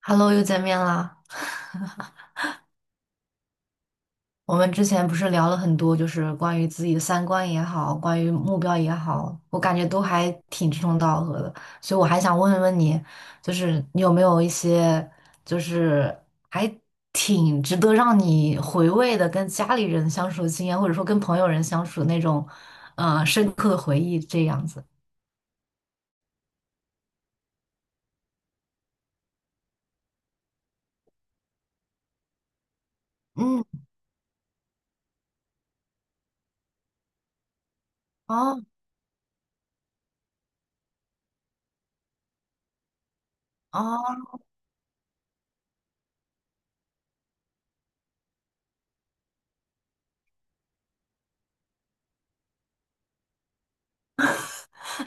Hello，又见面啦。我们之前不是聊了很多，就是关于自己的三观也好，关于目标也好，我感觉都还挺志同道合的。所以我还想问问你，就是你有没有一些，就是还挺值得让你回味的，跟家里人相处的经验，或者说跟朋友人相处的那种，深刻的回忆这样子。嗯，哦哦，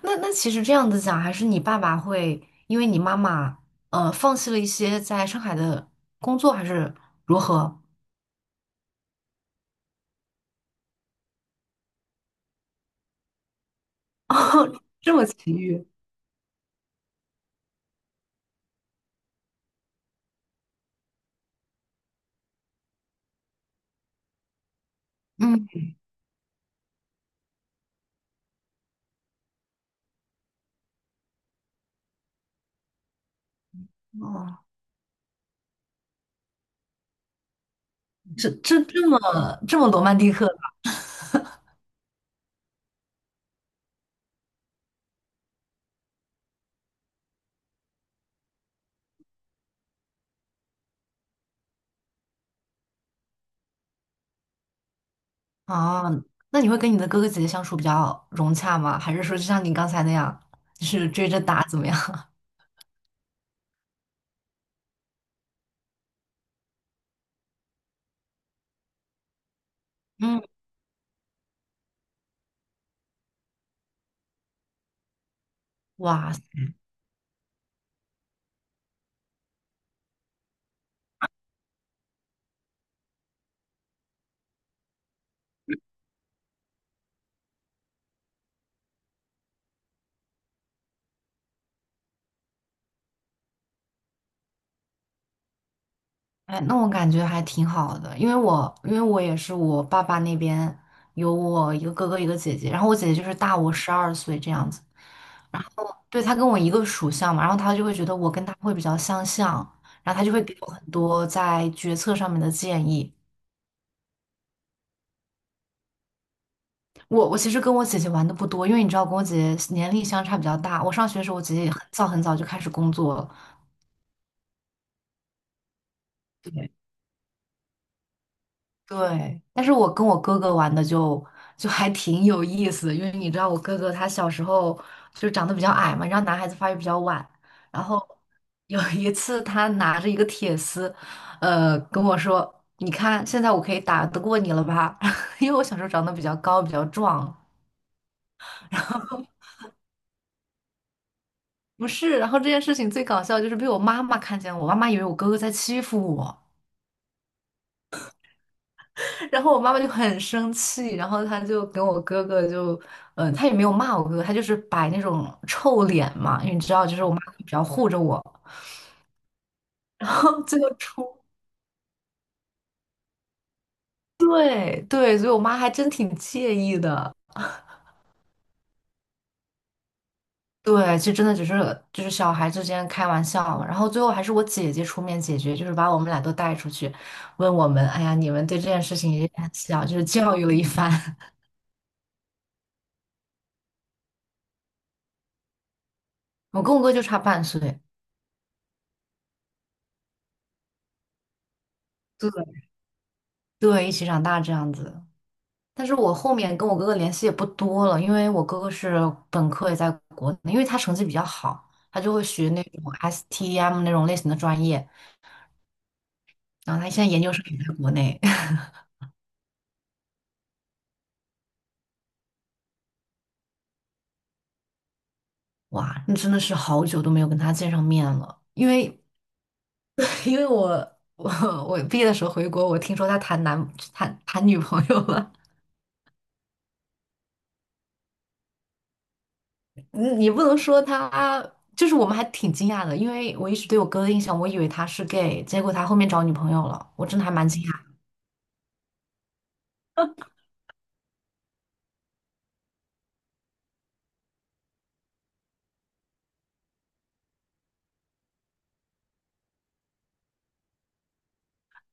那其实这样子讲，还是你爸爸会因为你妈妈放弃了一些在上海的工作，还是如何？这么奇遇，嗯，哦，这这这么这么罗曼蒂克的。啊？那你会跟你的哥哥姐姐相处比较融洽吗？还是说就像你刚才那样，就是追着打怎么样？嗯，哇塞，那我感觉还挺好的，因为我也是我爸爸那边有我一个哥哥一个姐姐，然后我姐姐就是大我12岁这样子。对，他跟我一个属相嘛，然后他就会觉得我跟他会比较相像，然后他就会给我很多在决策上面的建议。我其实跟我姐姐玩的不多，因为你知道，跟我姐姐年龄相差比较大。我上学的时候，我姐姐也很早很早就开始工作了，对。对，但是我跟我哥哥玩的就还挺有意思的，因为你知道我哥哥他小时候就长得比较矮嘛，然后男孩子发育比较晚，然后有一次他拿着一个铁丝，跟我说："你看，现在我可以打得过你了吧？" 因为我小时候长得比较高，比较壮。然后 不是，然后这件事情最搞笑就是被我妈妈看见我，我妈妈以为我哥哥在欺负我。然后我妈妈就很生气，然后她就跟我哥哥就，她也没有骂我哥哥，她就是摆那种臭脸嘛，因为你知道，就是我妈比较护着我，然后最后出，对对，所以我妈还真挺介意的。对，就真的只是就是小孩之间开玩笑嘛，然后最后还是我姐姐出面解决，就是把我们俩都带出去，问我们，哎呀，你们对这件事情也很小，就是教育了一番。我跟我哥就差0.5岁，对对，一起长大这样子。但是我后面跟我哥哥联系也不多了，因为我哥哥是本科也在国内，因为他成绩比较好，他就会学那种 STEM 那种类型的专业，然后他现在研究生也在国内。哇，那真的是好久都没有跟他见上面了，因为 因为我我毕业的时候回国，我听说他谈男谈谈女朋友了，你你不能说他。就是我们还挺惊讶的，因为我一直对我哥的印象，我以为他是 gay,结果他后面找女朋友了，我真的还蛮惊讶。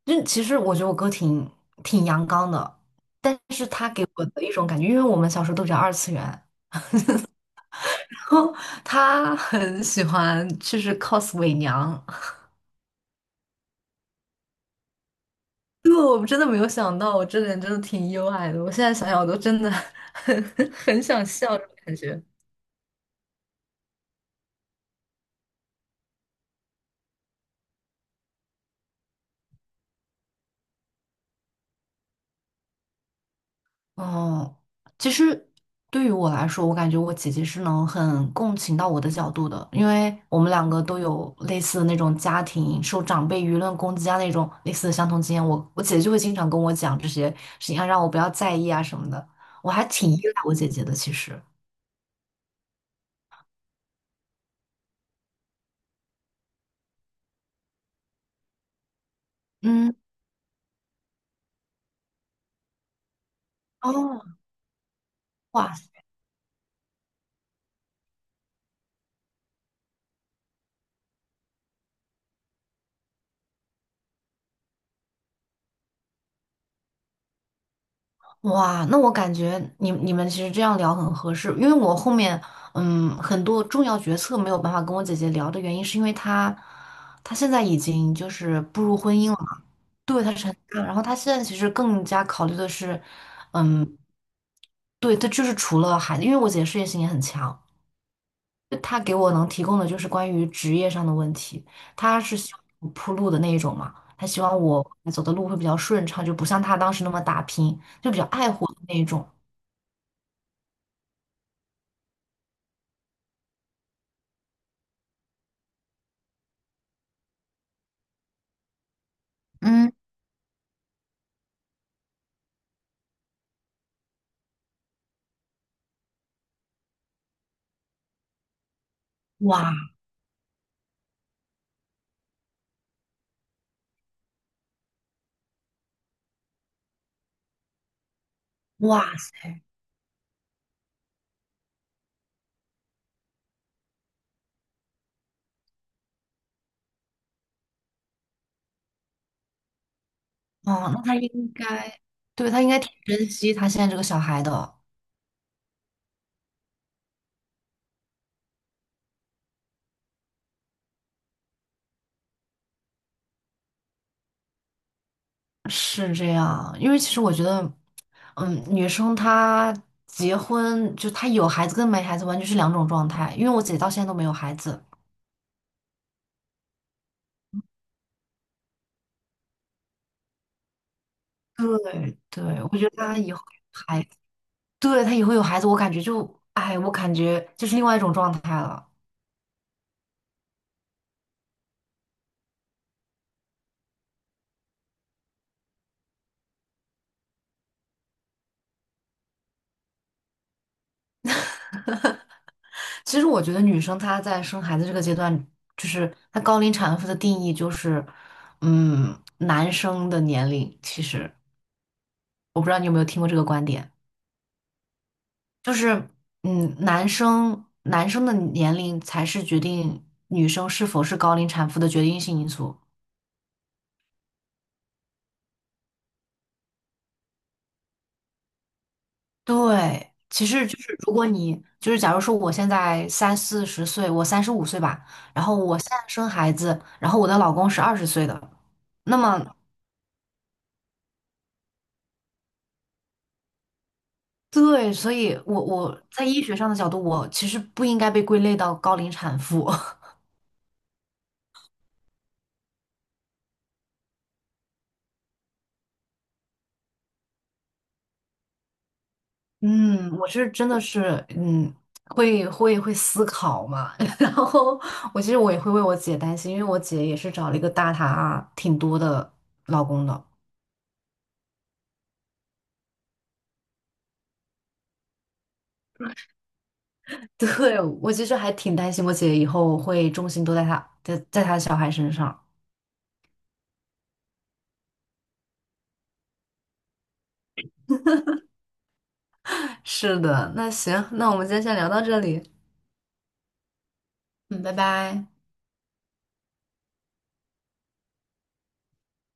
就其实我觉得我哥挺阳刚的，但是他给我的一种感觉，因为我们小时候都比较二次元，然后他很喜欢就是 cos 伪娘，因为我真的没有想到，我这点真的挺意外的，我现在想想我都真的很 很想笑，这种感觉。哦，其实对于我来说，我感觉我姐姐是能很共情到我的角度的，因为我们两个都有类似的那种家庭受长辈舆论攻击啊那种类似的相同经验。我我姐姐就会经常跟我讲这些事情啊，让我不要在意啊什么的。我还挺依赖我姐姐的，其实。嗯，哦，哇哇，那我感觉你你们其实这样聊很合适，因为我后面很多重要决策没有办法跟我姐姐聊的原因，是因为她她现在已经就是步入婚姻了嘛，对，她成家了，然后她现在其实更加考虑的是，嗯，对，她就是除了孩子，因为我姐事业心也很强，他给我能提供的就是关于职业上的问题，他是希望我铺路的那一种嘛，他希望我走的路会比较顺畅，就不像他当时那么打拼，就比较爱护的那一种。嗯，哇哇塞，哦，那他应该，对，他应该挺珍惜他现在这个小孩的，是这样，因为其实我觉得，嗯，女生她结婚就她有孩子跟没孩子完全是两种状态，因为我姐到现在都没有孩子，对对，我觉得她以后。还。对，他以后有孩子，我感觉就，哎，我感觉就是另外一种状态了。其实我觉得女生她在生孩子这个阶段，就是她高龄产妇的定义就是，嗯，男生的年龄。其实我不知道你有没有听过这个观点，就是，嗯，男生的年龄才是决定女生是否是高龄产妇的决定性因素。对，其实就是如果你就是，假如说我现在三四十岁，我35岁吧，然后我现在生孩子，然后我的老公是20岁的，那么对，所以我我在医学上的角度，我其实不应该被归类到高龄产妇。嗯，我是真的是嗯，会思考嘛，然后我其实我也会为我姐担心，因为我姐也是找了一个大她挺多的老公的。对，我其实还挺担心我姐以后会重心都在她小孩身上。是的，那行，那我们今天先聊到这里，嗯，拜拜。